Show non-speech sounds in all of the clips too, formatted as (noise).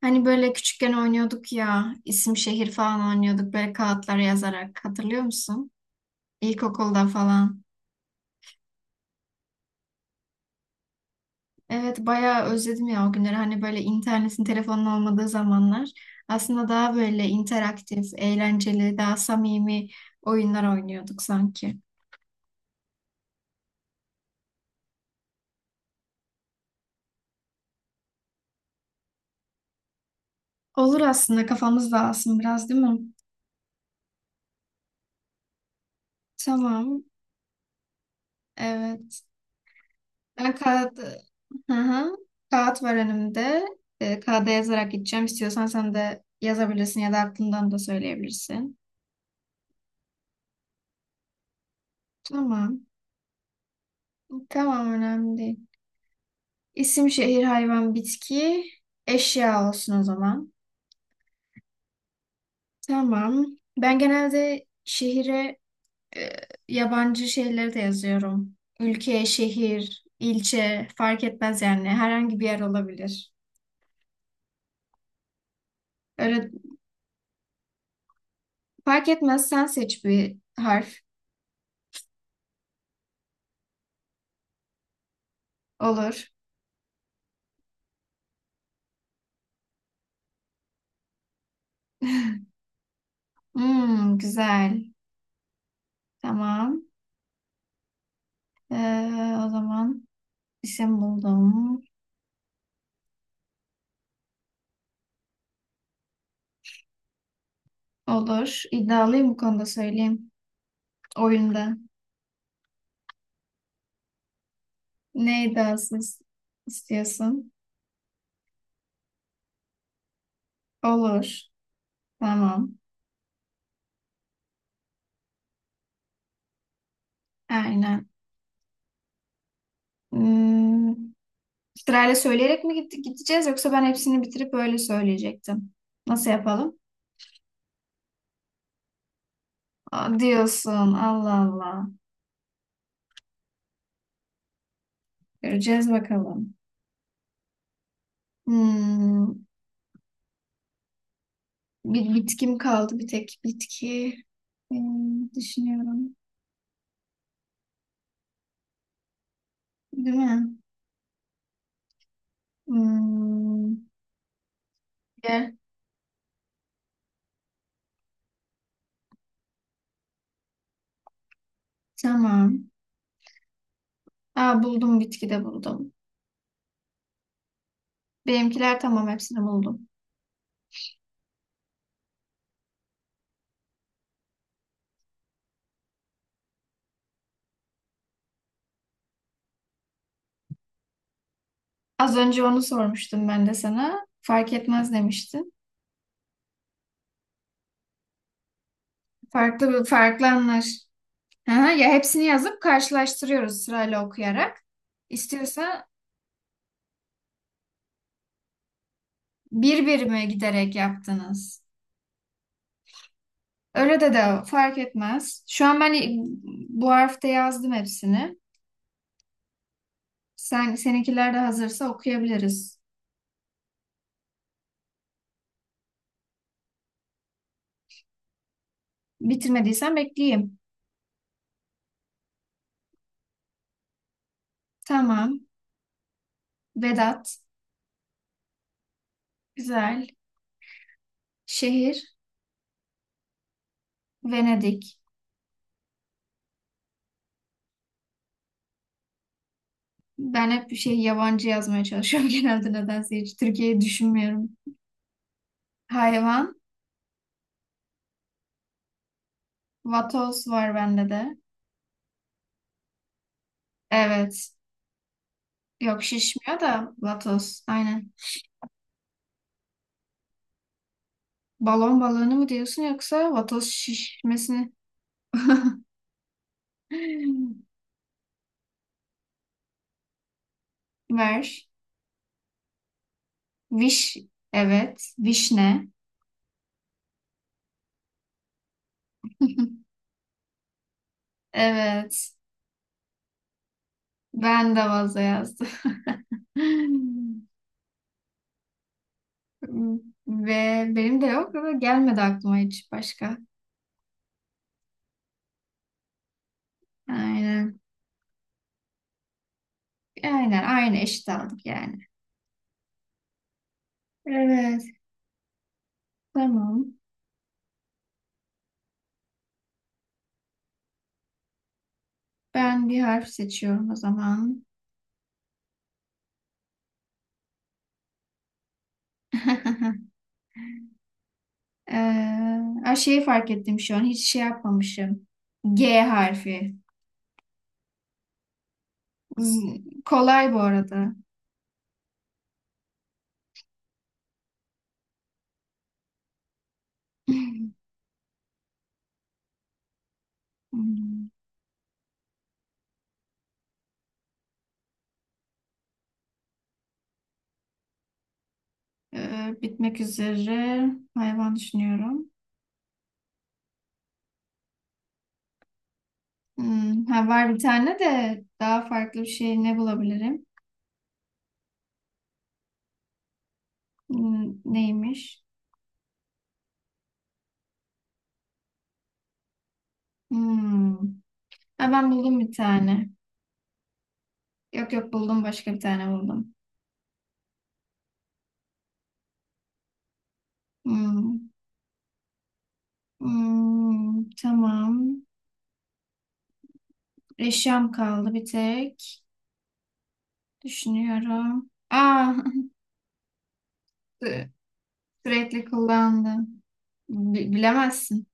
Hani böyle küçükken oynuyorduk ya, isim şehir falan oynuyorduk böyle kağıtlara yazarak. Hatırlıyor musun? İlkokulda falan. Evet bayağı özledim ya o günleri. Hani böyle internetin, telefonun olmadığı zamanlar. Aslında daha böyle interaktif, eğlenceli, daha samimi oyunlar oynuyorduk sanki. Olur aslında kafamız dağılsın biraz değil mi? Tamam. Evet. Ben kağıt, hı hı. Kağıt var önümde. Kağıda yazarak gideceğim. İstiyorsan sen de yazabilirsin ya da aklından da söyleyebilirsin. Tamam. Tamam önemli değil. İsim, şehir, hayvan, bitki, eşya olsun o zaman. Tamam. Ben genelde şehire e, yabancı şeyleri de yazıyorum. Ülke, şehir, ilçe fark etmez yani. Herhangi bir yer olabilir. Öyle fark etmez sen seç bir harf. Olur. Hmm, güzel. Tamam. Ee, O zaman isim buldum. Olur. İddialıyım bu konuda söyleyeyim. Oyunda. Ne iddiasız istiyorsun? Olur. Tamam. Aynen. Hmm, Sırayla söyleyerek mi gideceğiz yoksa ben hepsini bitirip öyle söyleyecektim. Nasıl yapalım? Aa, diyorsun. Allah Allah. Göreceğiz bakalım. Hmm, Bir bitkim kaldı bir tek bitki. Düşünüyorum. Değil mi? Hmm, Ye. Tamam. Aa, buldum bitkide buldum. Benimkiler tamam hepsini buldum. Az önce onu sormuştum ben de sana. Fark etmez demiştin. Farklı bir farklı anlar. Ha, ya hepsini yazıp karşılaştırıyoruz sırayla okuyarak. İstiyorsa bir birime giderek yaptınız. Öyle de de fark etmez. Şu an ben bu harfte yazdım hepsini. Sen seninkiler de hazırsa okuyabiliriz. Bitirmediysen bekleyeyim. Tamam. Vedat, güzel. Şehir, Venedik. Ben hep bir şey yabancı yazmaya çalışıyorum (laughs) genelde nedense hiç Türkiye'yi düşünmüyorum. Hayvan, vatoz var bende de. Evet. Yok şişmiyor da vatoz. Aynen. Balon balığını mı diyorsun yoksa vatoz şişmesini (laughs) ver. Viş, evet. Vişne. (laughs) Evet. Ben de vazo yazdım. (laughs) Ve benim de yok ama gelmedi aklıma hiç başka. Aynen. Aynen. Aynı eşit aldık yani. Evet. Tamam. Ben bir harf seçiyorum o zaman. (laughs) Ee, Ay şeyi fark ettim şu an. Hiç şey yapmamışım. G harfi. Kolay bu arada. (laughs) Hmm. Bitmek üzere. Hayvan düşünüyorum. Ha, var bir tane de daha farklı bir şey ne bulabilirim? Neymiş? Hmm. Ha, ben buldum bir tane. Yok yok buldum başka bir tane buldum. Hmm, hmm, tamam. Eşyam kaldı bir tek. Düşünüyorum. Aa, (laughs) sü- Sürekli kullandım. Bilemezsin.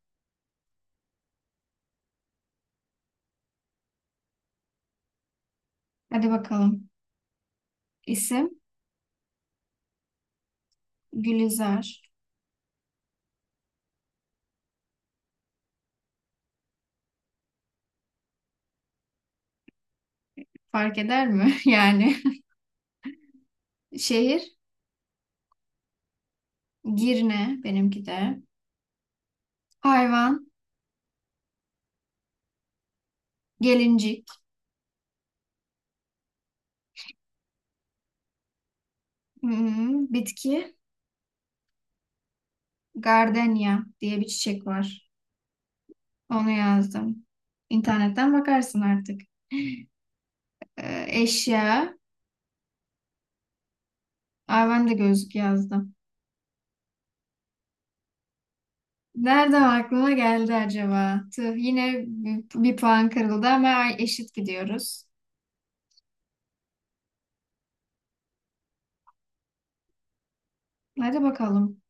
Hadi bakalım. İsim Gülizar. Fark eder mi? (laughs) Yani şehir Girne benimki de. Hayvan gelincik. Bitki gardenya diye bir çiçek var. Onu yazdım. İnternetten bakarsın artık. (laughs) Eşya. Aa, ben de gözlük yazdım. Nereden aklıma geldi acaba? Tüh, yine bir puan kırıldı ama eşit gidiyoruz. Hadi bakalım.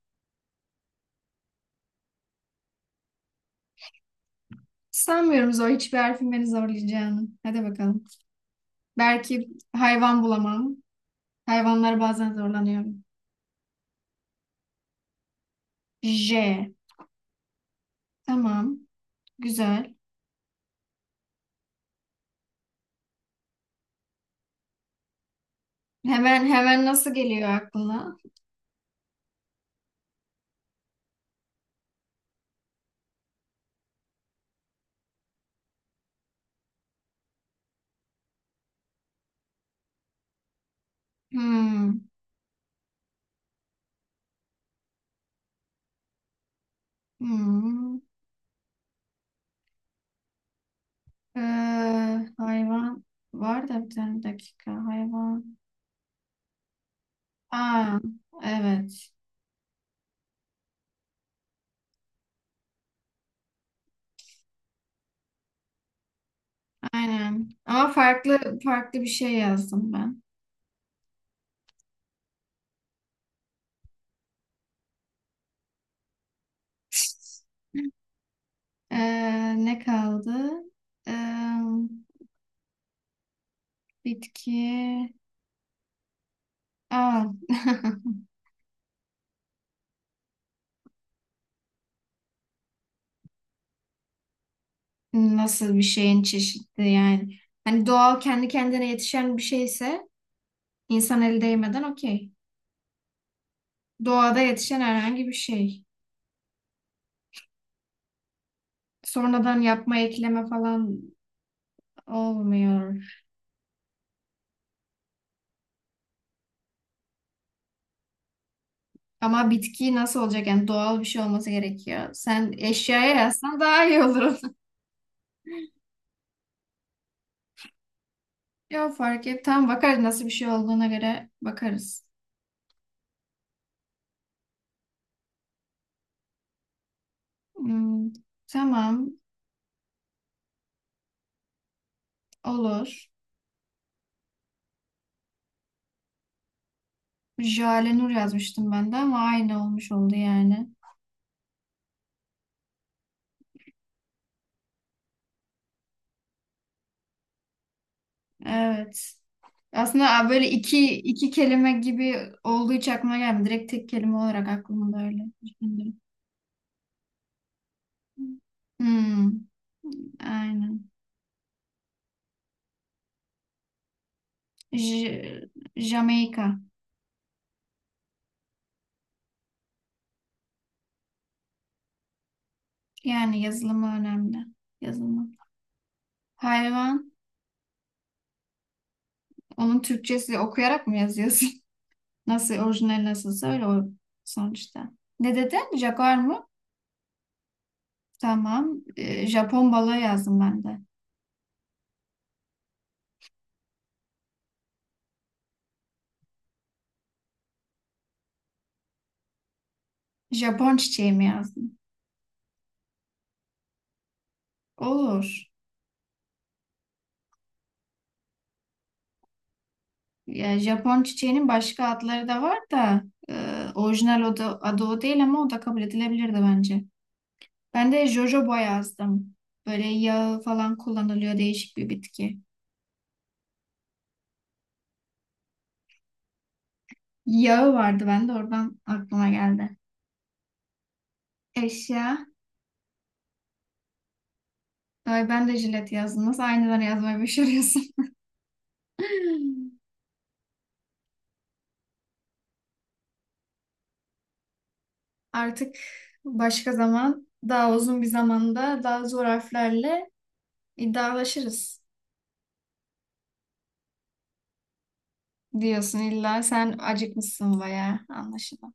Sanmıyorum zor hiçbir harfin beni zorlayacağını. Hadi bakalım. Belki hayvan bulamam. Hayvanlar bazen zorlanıyorum. J. Tamam. Güzel. Hemen hemen nasıl geliyor aklına? Hmm. Hmm. Ee, Hayvan var da bir tane dakika. Hayvan. Aa, evet. Aynen. Ama farklı farklı bir şey yazdım ben. Ne kaldı? Ee, Bitki. Aa, (laughs) nasıl bir şeyin çeşidi yani? Hani doğal kendi kendine yetişen bir şeyse insan el değmeden okey. Doğada yetişen herhangi bir şey. Sonradan yapma ekleme falan olmuyor. Ama bitki nasıl olacak? Yani doğal bir şey olması gerekiyor. Sen eşyaya yazsan daha iyi olur. Ya fark et. Tamam bakarız nasıl bir şey olduğuna göre bakarız. Hmm, tamam olur. Jale Nur yazmıştım ben de ama aynı olmuş oldu yani. Evet. Aslında böyle iki kelime gibi olduğu hiç aklıma gelmedi. Direkt tek kelime olarak aklımda öyle düşündüm. Hmm, aynen. J Jamaika. Yani yazılımı önemli. Yazılımı. Hayvan. Onun Türkçesi okuyarak mı yazıyorsun? Nasıl orijinali nasılsa öyle o sonuçta. Ne dedin? Jaguar mı? Tamam. Japon balığı yazdım ben de. Japon çiçeği mi yazdım? Olur. Ya Japon çiçeğinin başka adları da var da orijinal o da, adı o değil ama o da kabul edilebilirdi bence. Ben de jojoba yazdım. Böyle yağı falan kullanılıyor değişik bir bitki. Yağı vardı bende oradan aklıma geldi. Eşya. Ay ben de jilet yazdım. Nasıl aynıları yazmayı başarıyorsun? (laughs) Artık başka zaman daha uzun bir zamanda daha zor harflerle iddialaşırız diyorsun illa sen acıkmışsın bayağı anlaşılan.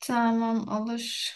Tamam olur.